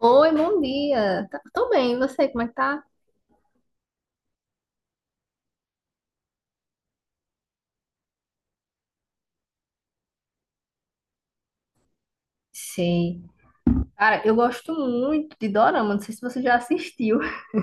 Oi, bom dia. Tô bem, e você, como é que tá? Sei. Cara, eu gosto muito de Dorama, não sei se você já assistiu.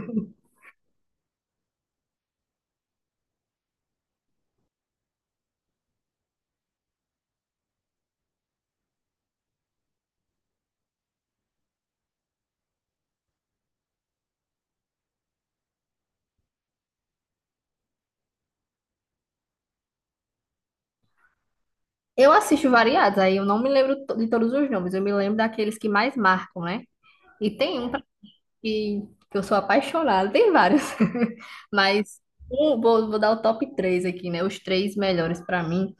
Eu assisto variados, aí eu não me lembro de todos os nomes, eu me lembro daqueles que mais marcam, né? E tem um que, que eu sou apaixonada, tem vários. Mas um, vou dar o top 3 aqui, né? Os três melhores pra mim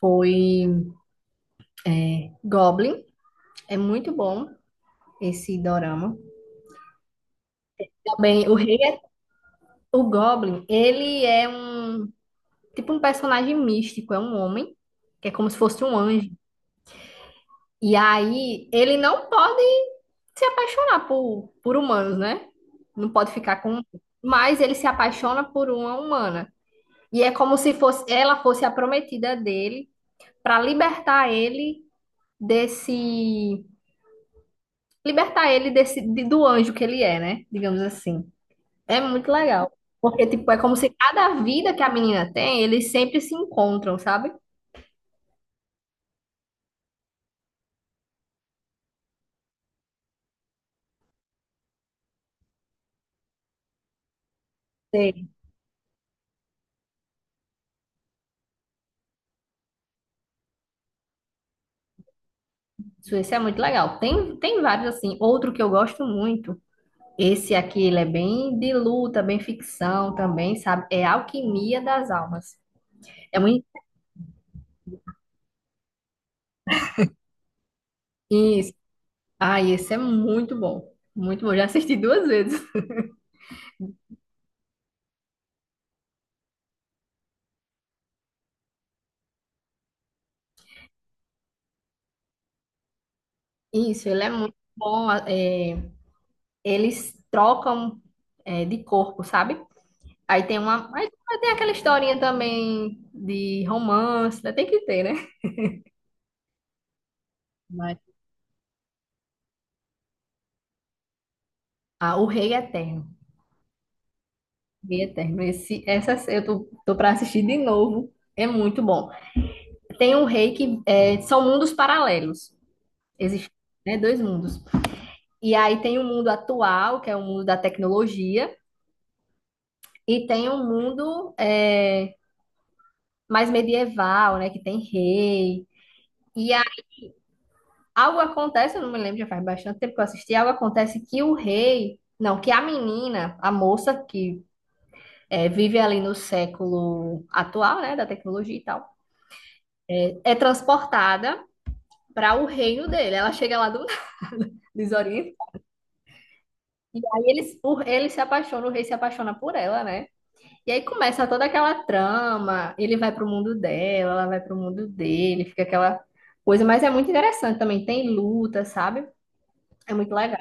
foi Goblin, é muito bom esse Dorama. Também o Rei o Goblin, ele é um tipo um personagem místico, é um homem, que é como se fosse um anjo. E aí ele não pode se apaixonar por humanos, né? Não pode ficar com. Mas ele se apaixona por uma humana. E é como se fosse ela fosse a prometida dele para libertar ele desse. Libertar ele desse do anjo que ele é, né? Digamos assim. É muito legal. Porque, tipo, é como se cada vida que a menina tem, eles sempre se encontram, sabe? Suíça é muito legal. Tem vários assim. Outro que eu gosto muito. Esse aqui, ele é bem de luta, bem ficção também, sabe? É Alquimia das Almas. É muito. Isso. Ah, esse é muito bom. Muito bom. Já assisti duas vezes. Isso, ele é muito bom. Eles trocam, de corpo, sabe? Aí tem uma. Aí tem aquela historinha também de romance, né? Tem que ter, né? Mas, O Rei Eterno. Rei Eterno. Esse, essa eu tô para assistir de novo. É muito bom. Tem um rei que é, são mundos paralelos. Existem, né, dois mundos. E aí tem o mundo atual, que é o mundo da tecnologia, e tem um mundo mais medieval, né, que tem rei. E a- Algo acontece, eu não me lembro, já faz bastante tempo que eu assisti, algo acontece que o rei, não, que a menina, a moça que vive ali no século atual, né, da tecnologia e tal, é transportada para o reino dele. Ela chega lá do desorienta. E aí eles, ele se apaixona, o rei se apaixona por ela, né? E aí começa toda aquela trama. Ele vai pro mundo dela, ela vai pro mundo dele, fica aquela coisa, mas é muito interessante também. Tem luta, sabe? É muito legal.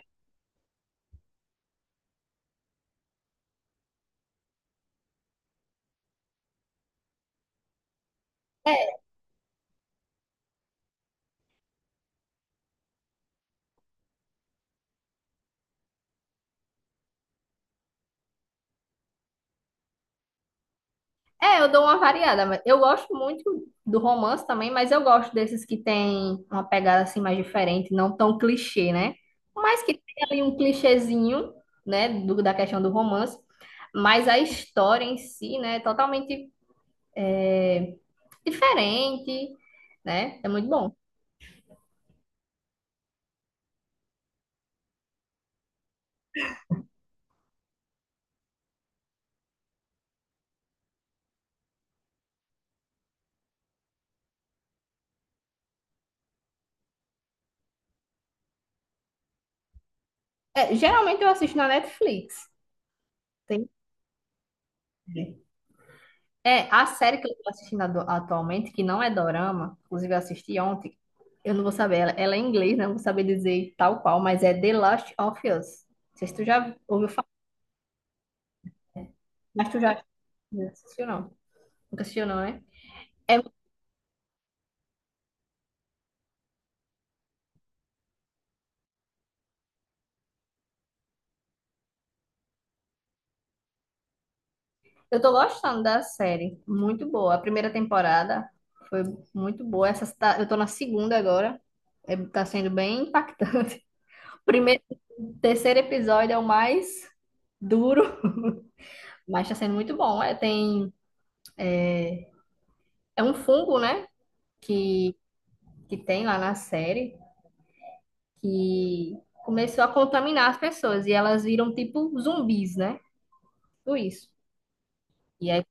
É, eu dou uma variada, mas eu gosto muito do romance também, mas eu gosto desses que tem uma pegada assim mais diferente, não tão clichê, né? Mas que tem ali um clichêzinho, né, da questão do romance, mas a história em si, né, é totalmente é, diferente, né? É muito bom. É, geralmente eu assisto na Netflix. Tem. É, a série que eu tô assistindo atualmente, que não é dorama, inclusive eu assisti ontem, eu não vou saber, ela é em inglês, né? Não vou saber dizer tal qual, mas é The Last of Us. Não sei se tu já ouviu falar, mas tu já assistiu, não. Nunca assistiu, não, né? É, eu tô gostando da série, muito boa. A primeira temporada foi muito boa, essa eu tô na segunda agora, é, tá sendo bem impactante. Primeiro, terceiro episódio é o mais duro, mas tá sendo muito bom. É, tem, é um fungo, né? que, que tem lá na série, que começou a contaminar as pessoas e elas viram tipo zumbis, né? Tudo isso. E aí.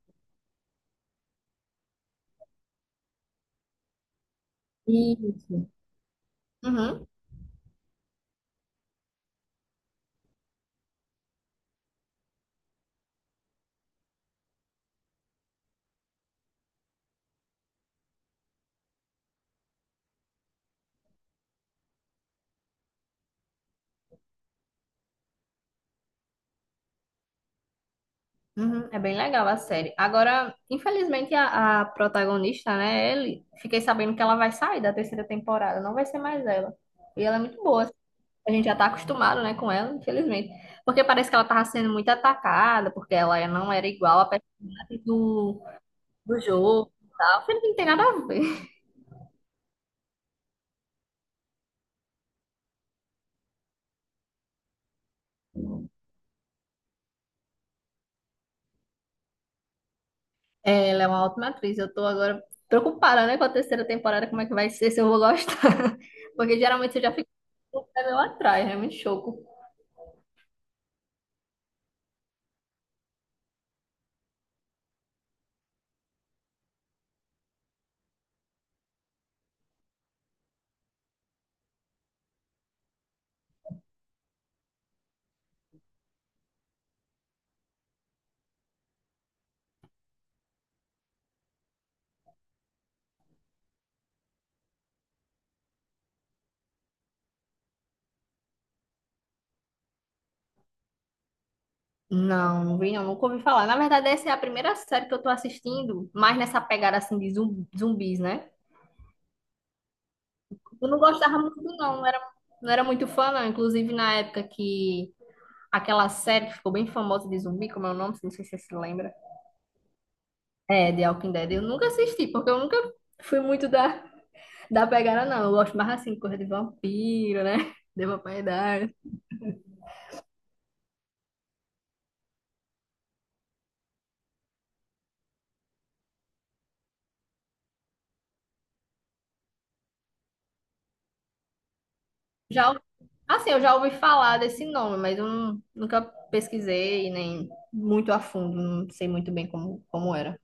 Isso. Uhum, uhum. É bem legal a série. Agora, infelizmente, a protagonista, né, ele, fiquei sabendo que ela vai sair da terceira temporada, não vai ser mais ela. E ela é muito boa. A gente já tá acostumado, né, com ela, infelizmente. Porque parece que ela tava sendo muito atacada, porque ela não era igual a personagem do, do jogo e tal. Não tem nada a ver. Ela é uma ótima atriz. Eu tô agora preocupada, né, com a terceira temporada, como é que vai ser, se eu vou gostar. Porque geralmente eu já fico com o pé meio atrás, né? Muito choco. Não, não vi, não, nunca ouvi falar. Na verdade, essa é a primeira série que eu tô assistindo, mais nessa pegada assim de zumbis, né? Eu não gostava muito, não. Não era muito fã, não. Inclusive, na época que aquela série que ficou bem famosa de zumbi, como é o nome? Não sei se você se lembra. É, The Walking Dead. Eu nunca assisti, porque eu nunca fui muito da. Da pegada, não. Eu gosto mais assim, coisa de vampiro, né? De vampiro. Já, ouvi- assim, eu já ouvi falar desse nome, mas eu nunca pesquisei, nem muito a fundo. Não sei muito bem como, como era.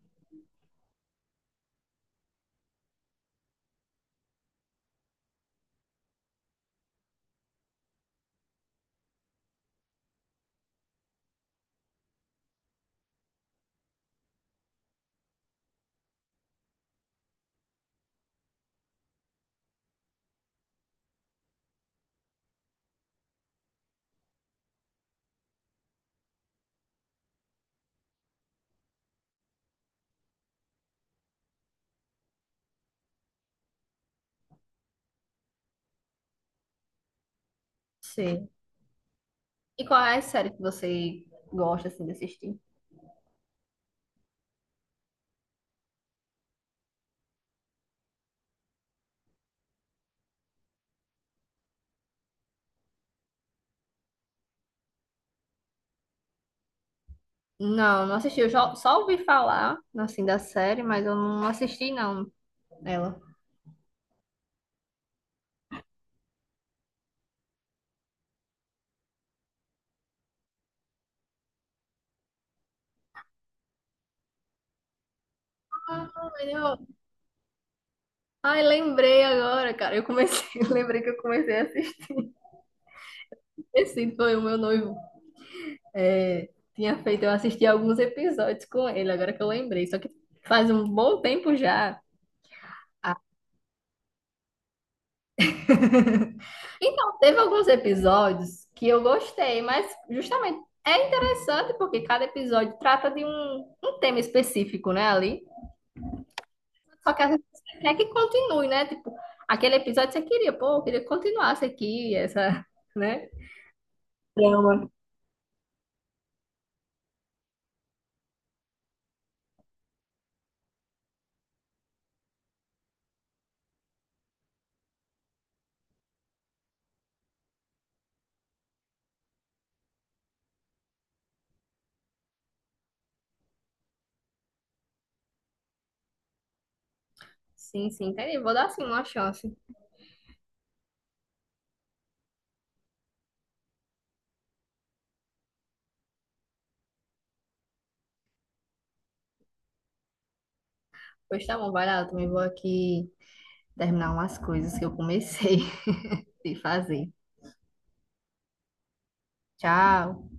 Sei. E qual é a série que você gosta, assim, de assistir? Não, não assisti. Só ouvi falar, assim, da série, mas eu não assisti, não, ela. Ah, eu- Ai, lembrei agora, cara. Eu comecei, lembrei que eu comecei a assistir. Esse foi o meu noivo. É, tinha feito, eu assisti alguns episódios com ele, agora que eu lembrei. Só que faz um bom tempo já. Ah, então, teve alguns episódios que eu gostei, mas justamente é interessante porque cada episódio trata de um tema específico, né, ali. Só que às vezes você quer que continue, né? Tipo, aquele episódio você queria, pô, eu queria que continuasse aqui, essa, né? Drama. Sim, sim, entendi. Vou dar assim uma chance. Pois tá bom, vai lá, eu também vou aqui terminar umas coisas que eu comecei de fazer. Tchau.